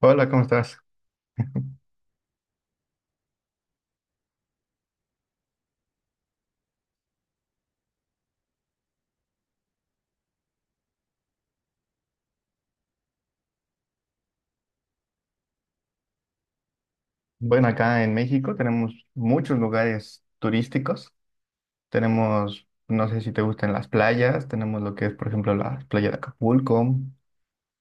Hola, ¿cómo estás? Bueno, acá en México tenemos muchos lugares turísticos. Tenemos, no sé si te gustan las playas, tenemos lo que es, por ejemplo, la playa de Acapulco,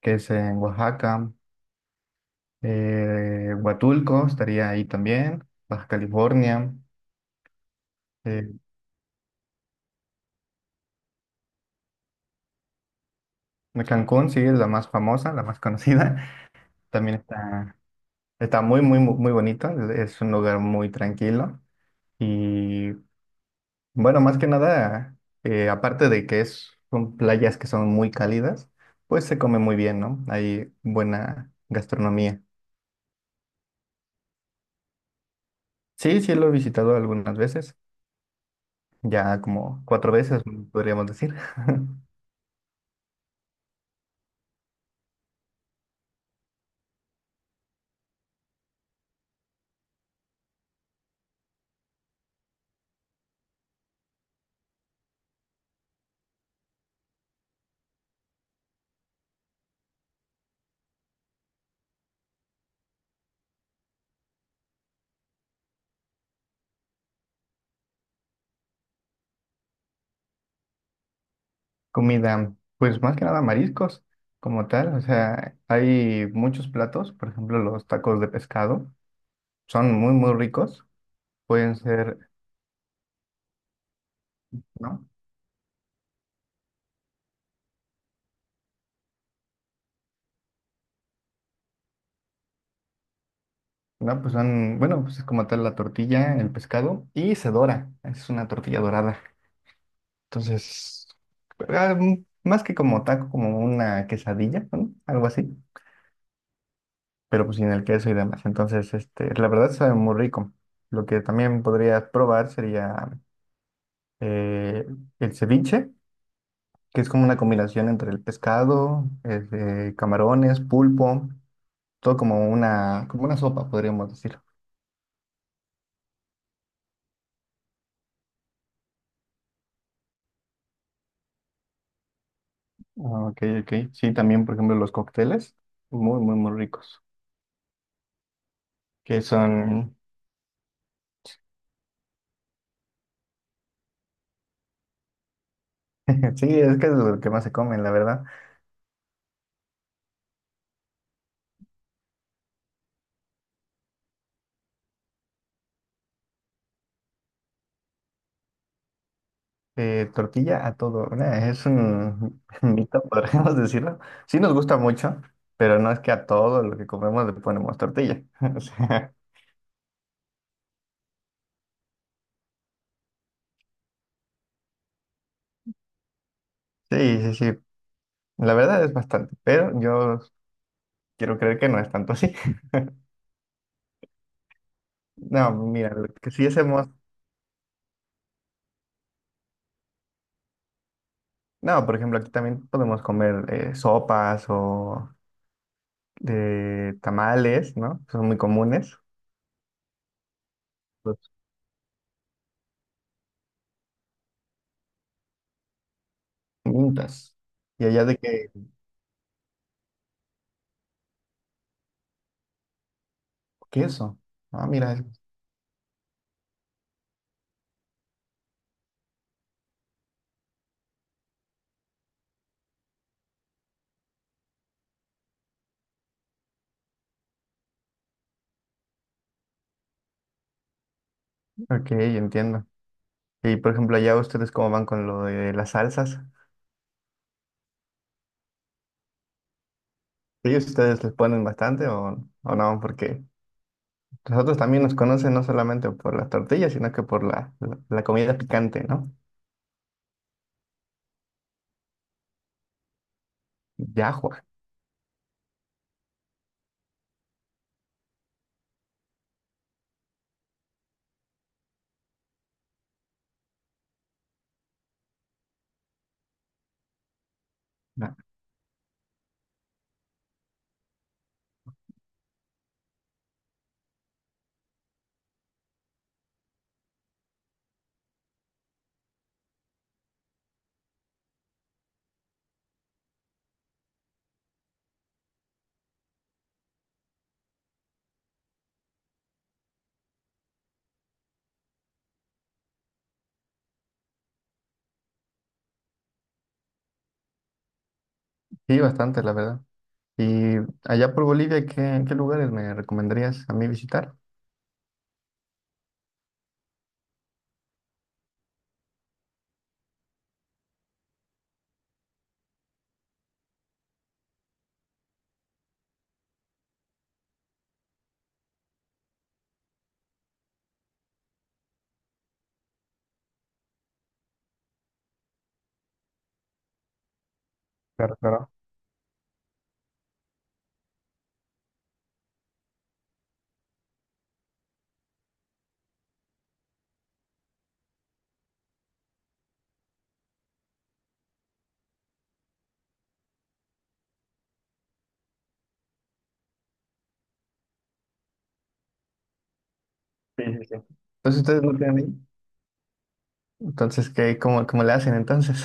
que es en Oaxaca, Huatulco estaría ahí también, Baja California, eh, Cancún sí es la más famosa, la más conocida. También está muy, muy, muy muy bonita, es un lugar muy tranquilo. Y bueno, más que nada, aparte de que es, son playas que son muy cálidas, pues se come muy bien, ¿no? Hay buena gastronomía. Sí, sí, lo he visitado algunas veces, ya como cuatro veces, podríamos decir. Comida, pues más que nada mariscos como tal, o sea, hay muchos platos, por ejemplo, los tacos de pescado, son muy, muy ricos, pueden ser, ¿no? No, pues son, bueno, pues es como tal la tortilla, el pescado y se dora, es una tortilla dorada. Entonces, más que como taco, como una quesadilla, ¿no? Algo así, pero pues sin el queso y demás. Entonces, este, la verdad sabe muy rico. Lo que también podrías probar sería eh, el ceviche, que es como una combinación entre el pescado, este, camarones, pulpo, todo como una sopa, podríamos decir. Ah, ok, ok. Sí, también, por ejemplo, los cócteles, muy, muy, muy ricos, que son, sí, es que es lo que más se comen, la verdad. Tortilla a todo. Nah, es un mito, podríamos decirlo. Sí nos gusta mucho, pero no es que a todo lo que comemos le ponemos tortilla. O sea, sí, sí, sí. La verdad es bastante, pero yo quiero creer que no es tanto así. No, mira, lo que sí hacemos, no, por ejemplo, aquí también podemos comer sopas o tamales, ¿no? Son muy comunes. Los mintas. Y allá de que queso. Ah, mira, ok, entiendo. Y por ejemplo, allá ustedes cómo van con lo de las salsas. ¿Ellos ustedes les ponen bastante o no? Porque nosotros también nos conocen no solamente por las tortillas, sino que por la comida picante, ¿no? Yahua. Ah, sí, bastante, la verdad. Y allá por Bolivia, ¿qué lugares me recomendarías a mí visitar? Claro, claro. Sí, sí, sí. Entonces ustedes no tienen ahí. Entonces, ¿qué, cómo le hacen entonces?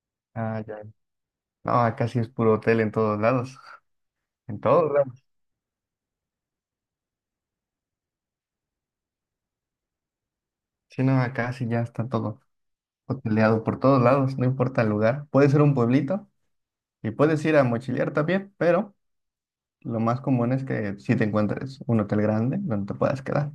Ah, ya. No, acá sí es puro hotel en todos lados. En todos lados. Sí, no, acá sí ya está todo. Hoteleado por todos lados, no importa el lugar. Puede ser un pueblito y puedes ir a mochilear también, pero lo más común es que si te encuentres un hotel grande donde te puedas quedar.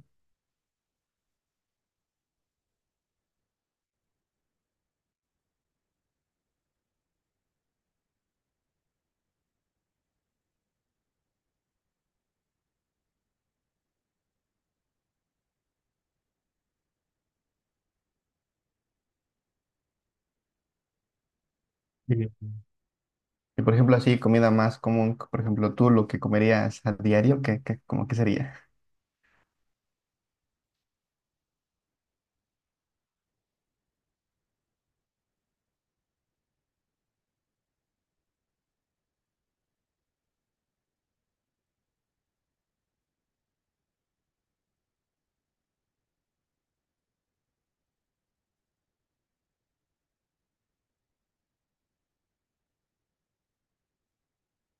Sí. Y por ejemplo, así comida más común, por ejemplo, tú lo que comerías a diario, ¿qué, qué, como qué sería?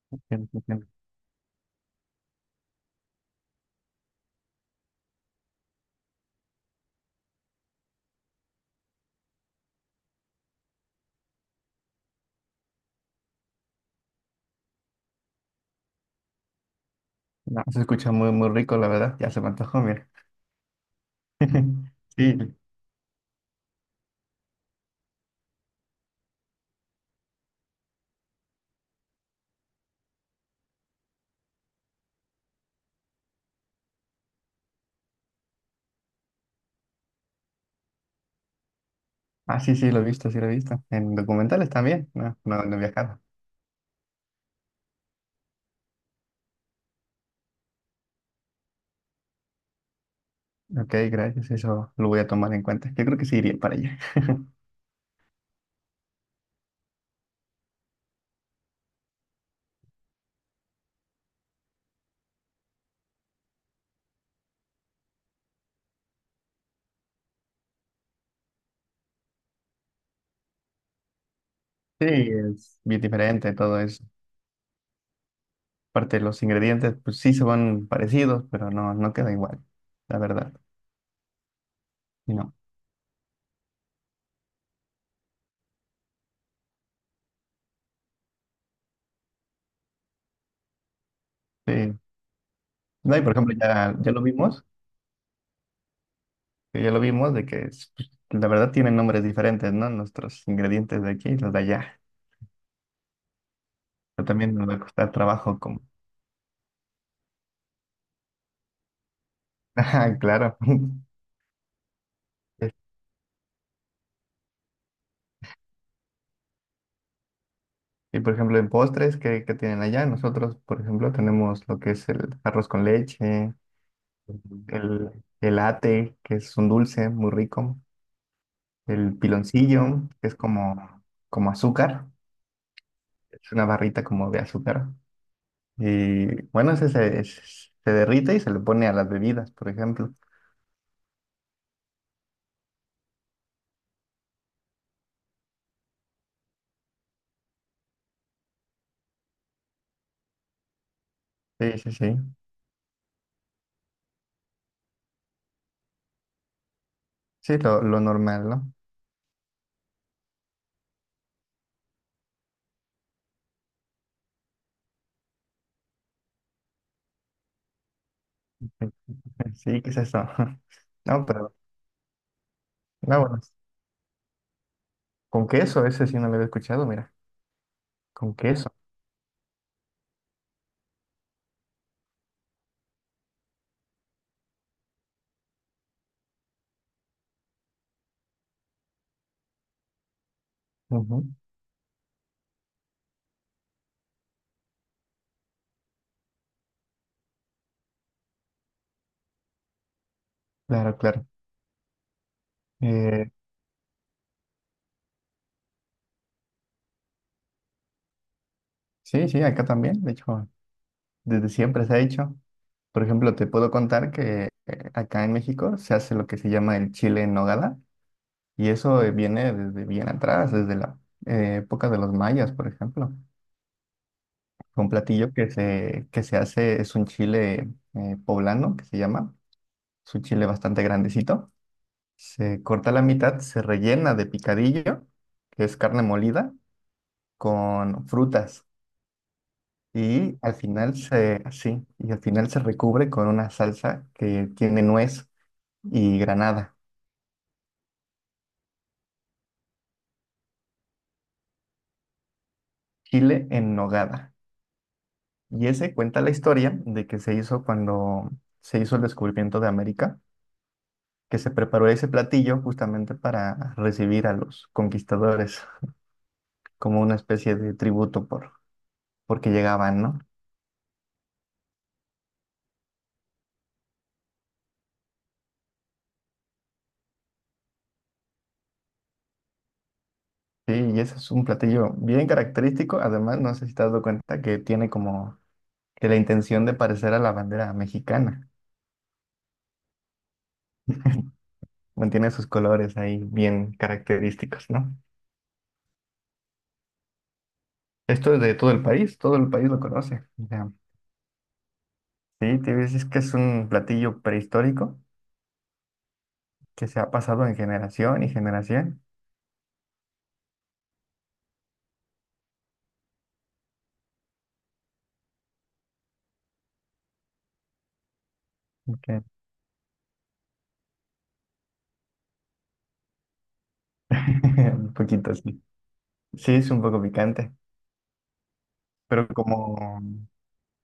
No, se escucha muy, muy rico, la verdad. Ya se me antojó, mira. Sí. Ah, sí, sí, lo he visto, sí lo he visto. En documentales también. No, no, no he viajado. Ok, gracias. Eso lo voy a tomar en cuenta. Yo creo que sí iría para allá. Sí, es bien diferente todo eso. Aparte, los ingredientes, pues sí se van parecidos, pero no, no queda igual, la verdad. Y no. Sí. No, y por ejemplo, ya, ya lo vimos, que ya lo vimos de que es, pues, la verdad tienen nombres diferentes, ¿no? Nuestros ingredientes de aquí y los de allá. Pero también nos va a costar trabajo como. Ajá, claro. Y por ejemplo, en postres, ¿qué, qué tienen allá? Nosotros, por ejemplo, tenemos lo que es el arroz con leche, el, el ate, que es un dulce muy rico, el piloncillo, que es como, como azúcar. Es una barrita como de azúcar. Y bueno, ese se derrite y se le pone a las bebidas, por ejemplo. Sí, sí, sí. Sí, lo normal, ¿no? Sí, ¿qué es eso? No, pero, no, bueno, con queso, ese sí no lo había escuchado, mira, con queso. Ujú. Claro, claro. Eh, sí, sí, acá también, de hecho, desde siempre se ha hecho. Por ejemplo, te puedo contar que acá en México se hace lo que se llama el chile en nogada. Y eso viene desde bien atrás, desde la época de los mayas, por ejemplo. Un platillo que se hace es un chile poblano, que se llama. Es un chile bastante grandecito. Se corta la mitad, se rellena de picadillo, que es carne molida, con frutas. Y al final y al final se recubre con una salsa que tiene nuez y granada. Chile en nogada. Y ese cuenta la historia de que se hizo cuando se hizo el descubrimiento de América, que se preparó ese platillo justamente para recibir a los conquistadores como una especie de tributo por porque llegaban, ¿no? Sí, y ese es un platillo bien característico. Además, no sé si te has dado cuenta que tiene como que la intención de parecer a la bandera mexicana. Mantiene sus colores ahí bien característicos, ¿no? Esto es de todo el país lo conoce. O sea, sí, te ves, es que es un platillo prehistórico que se ha pasado en generación y generación. Ok. Un poquito sí. Sí, es un poco picante, pero como,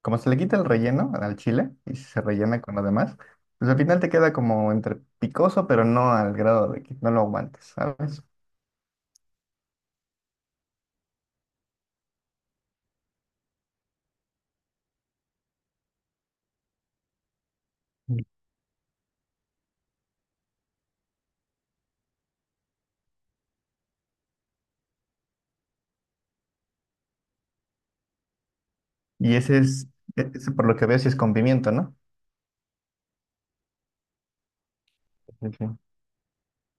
como se le quita el relleno al chile y se rellena con lo demás, pues al final te queda como entre picoso, pero no al grado de que no lo aguantes, ¿sabes? Mm. Y ese es, ese por lo que veo, si es con pimiento, ¿no? Sí, sí.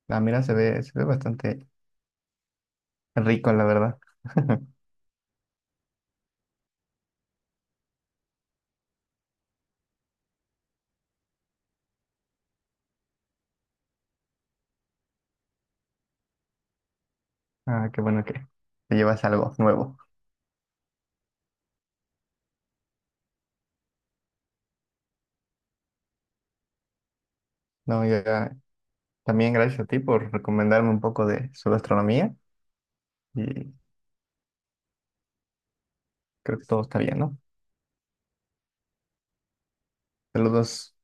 Ah, mira, se ve bastante rico, la verdad. Ah, qué bueno que te llevas algo nuevo. No, ya, también gracias a ti por recomendarme un poco de su gastronomía y creo que todo está bien, ¿no? Saludos.